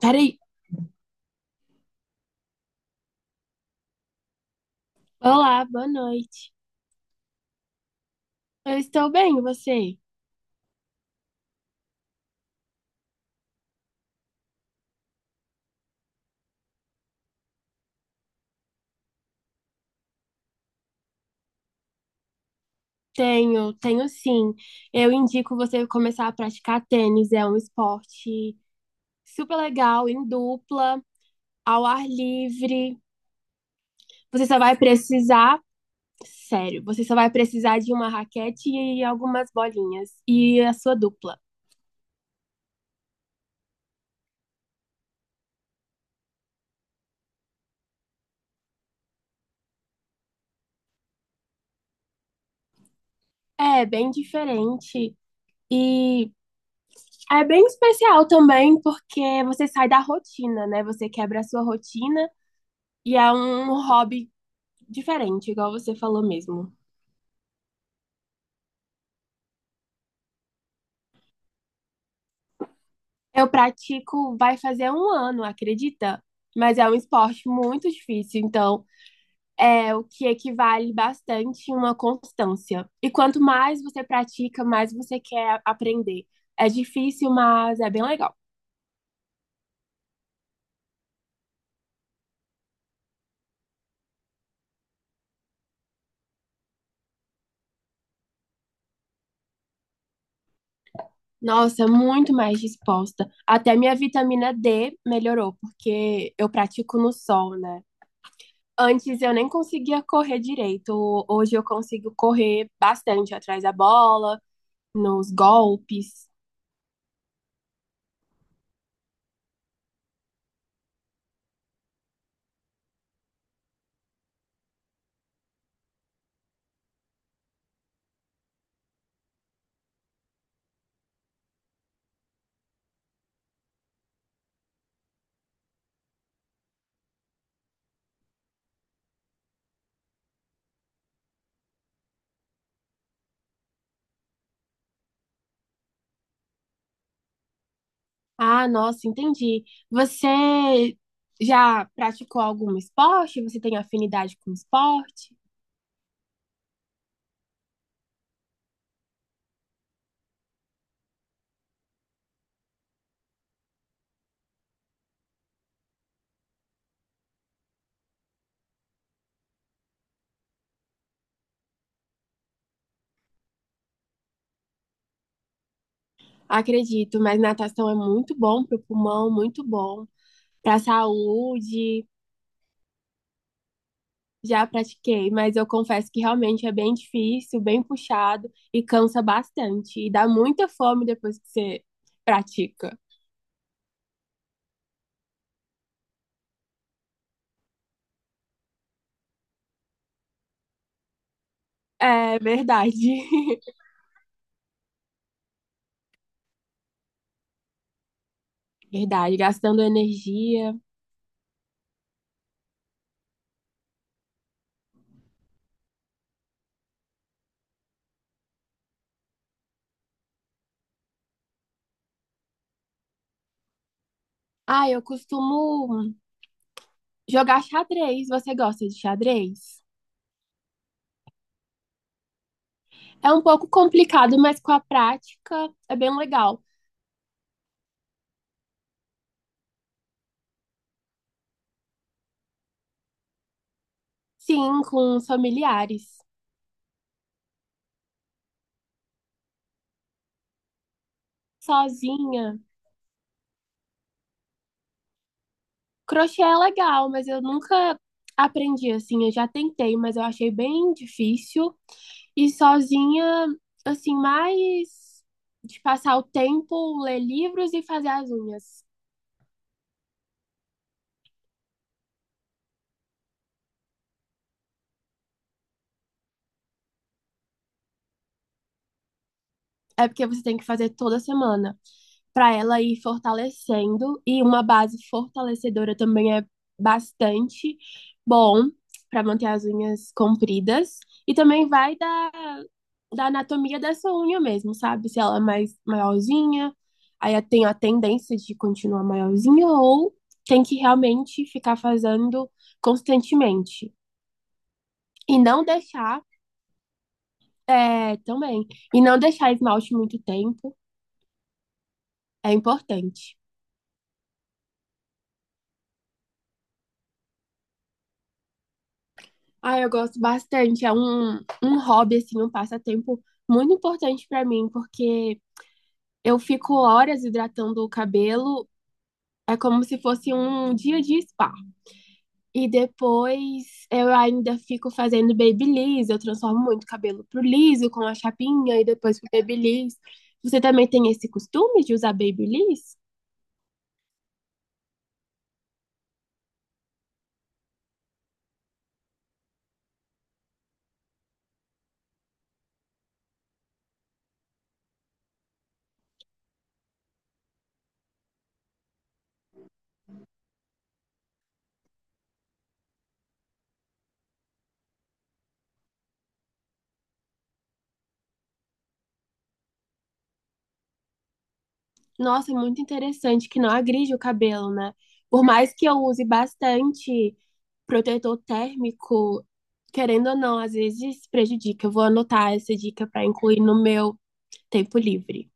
Peraí. Olá, boa noite. Eu estou bem, e você? Tenho, sim. Eu indico você começar a praticar tênis. É um esporte super legal, em dupla, ao ar livre. Você só vai precisar, sério, você só vai precisar de uma raquete e algumas bolinhas e a sua dupla. É bem diferente e é bem especial também porque você sai da rotina, né? Você quebra a sua rotina e é um hobby diferente, igual você falou mesmo. Eu pratico, vai fazer um ano, acredita? Mas é um esporte muito difícil, então é o que equivale bastante a uma constância. E quanto mais você pratica, mais você quer aprender. É difícil, mas é bem legal. Nossa, muito mais disposta. Até minha vitamina D melhorou, porque eu pratico no sol, né? Antes eu nem conseguia correr direito. Hoje eu consigo correr bastante atrás da bola, nos golpes. Ah, nossa, entendi. Você já praticou algum esporte? Você tem afinidade com esporte? Acredito, mas natação é muito bom para o pulmão, muito bom para a saúde. Já pratiquei, mas eu confesso que realmente é bem difícil, bem puxado e cansa bastante. E dá muita fome depois que você pratica. É verdade. Verdade, gastando energia. Ah, eu costumo jogar xadrez, você gosta de xadrez? É um pouco complicado, mas com a prática é bem legal. Sim, com os familiares. Sozinha. Crochê é legal, mas eu nunca aprendi assim. Eu já tentei, mas eu achei bem difícil. E sozinha, assim, mais de passar o tempo, ler livros e fazer as unhas. É porque você tem que fazer toda semana para ela ir fortalecendo. E uma base fortalecedora também é bastante bom para manter as unhas compridas. E também vai da anatomia dessa unha mesmo, sabe? Se ela é mais maiorzinha, aí tem a tendência de continuar maiorzinha ou tem que realmente ficar fazendo constantemente. E não deixar, é, também, e não deixar esmalte muito tempo é importante. Ah, eu gosto bastante. É um hobby, assim, um passatempo muito importante pra mim, porque eu fico horas hidratando o cabelo. É como se fosse um dia de spa. E depois eu ainda fico fazendo babyliss. Eu transformo muito o cabelo pro liso, com a chapinha, e depois pro babyliss. Você também tem esse costume de usar babyliss? Nossa, muito interessante que não agride o cabelo, né? Por mais que eu use bastante protetor térmico, querendo ou não, às vezes prejudica. Eu vou anotar essa dica para incluir no meu tempo livre.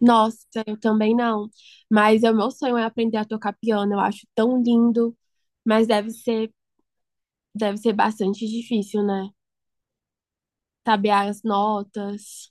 Nossa, eu também não. Mas é o meu sonho é aprender a tocar piano. Eu acho tão lindo, mas deve ser bastante difícil, né? Saber as notas.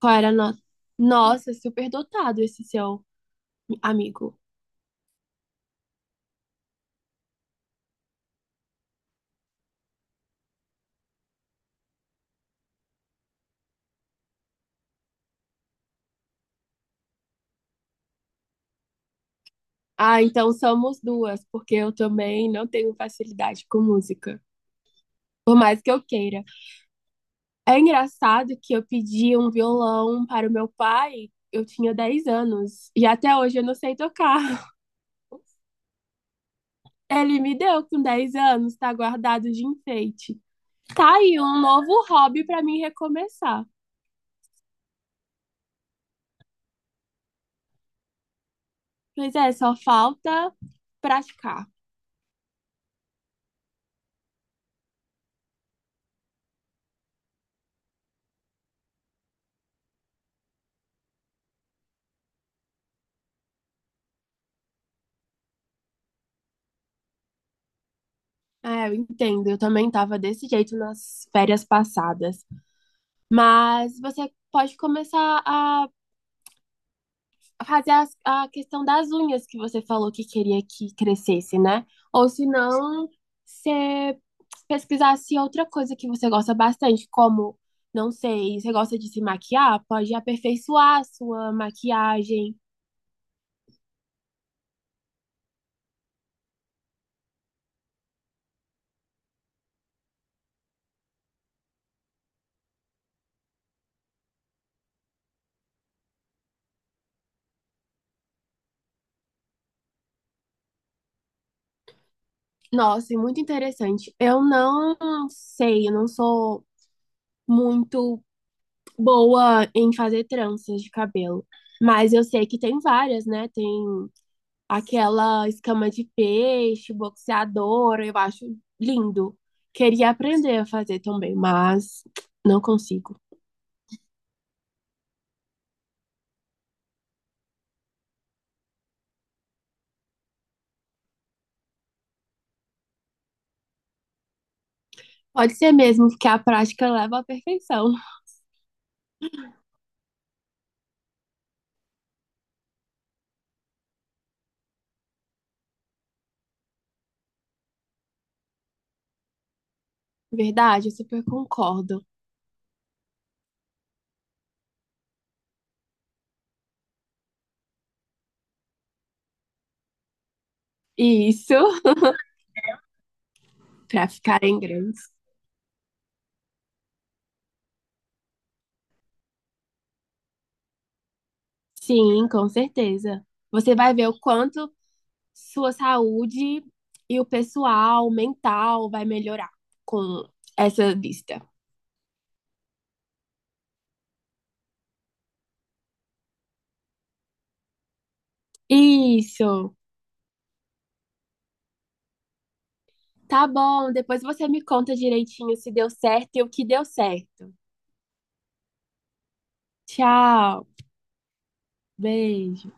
Qual era a nota? Nossa, super dotado esse seu amigo. Ah, então somos duas, porque eu também não tenho facilidade com música, por mais que eu queira. É engraçado que eu pedi um violão para o meu pai, eu tinha 10 anos, e até hoje eu não sei tocar. Ele me deu com 10 anos, tá guardado de enfeite. Tá aí um novo hobby para mim recomeçar. Pois é, só falta praticar. É, eu entendo, eu também tava desse jeito nas férias passadas. Mas você pode começar a fazer a questão das unhas que você falou que queria que crescesse, né? Ou se não, você pesquisasse outra coisa que você gosta bastante, como, não sei, você gosta de se maquiar? Pode aperfeiçoar a sua maquiagem. Nossa, é muito interessante. Eu não sei, eu não sou muito boa em fazer tranças de cabelo, mas eu sei que tem várias, né? Tem aquela escama de peixe, boxeadora, eu acho lindo. Queria aprender a fazer também, mas não consigo. Pode ser mesmo que a prática leva à perfeição. Verdade, eu super concordo. Isso, para ficarem grandes. Sim, com certeza. Você vai ver o quanto sua saúde e o pessoal mental vai melhorar com essa lista. Isso. Tá bom, depois você me conta direitinho se deu certo e o que deu certo. Tchau, beijo.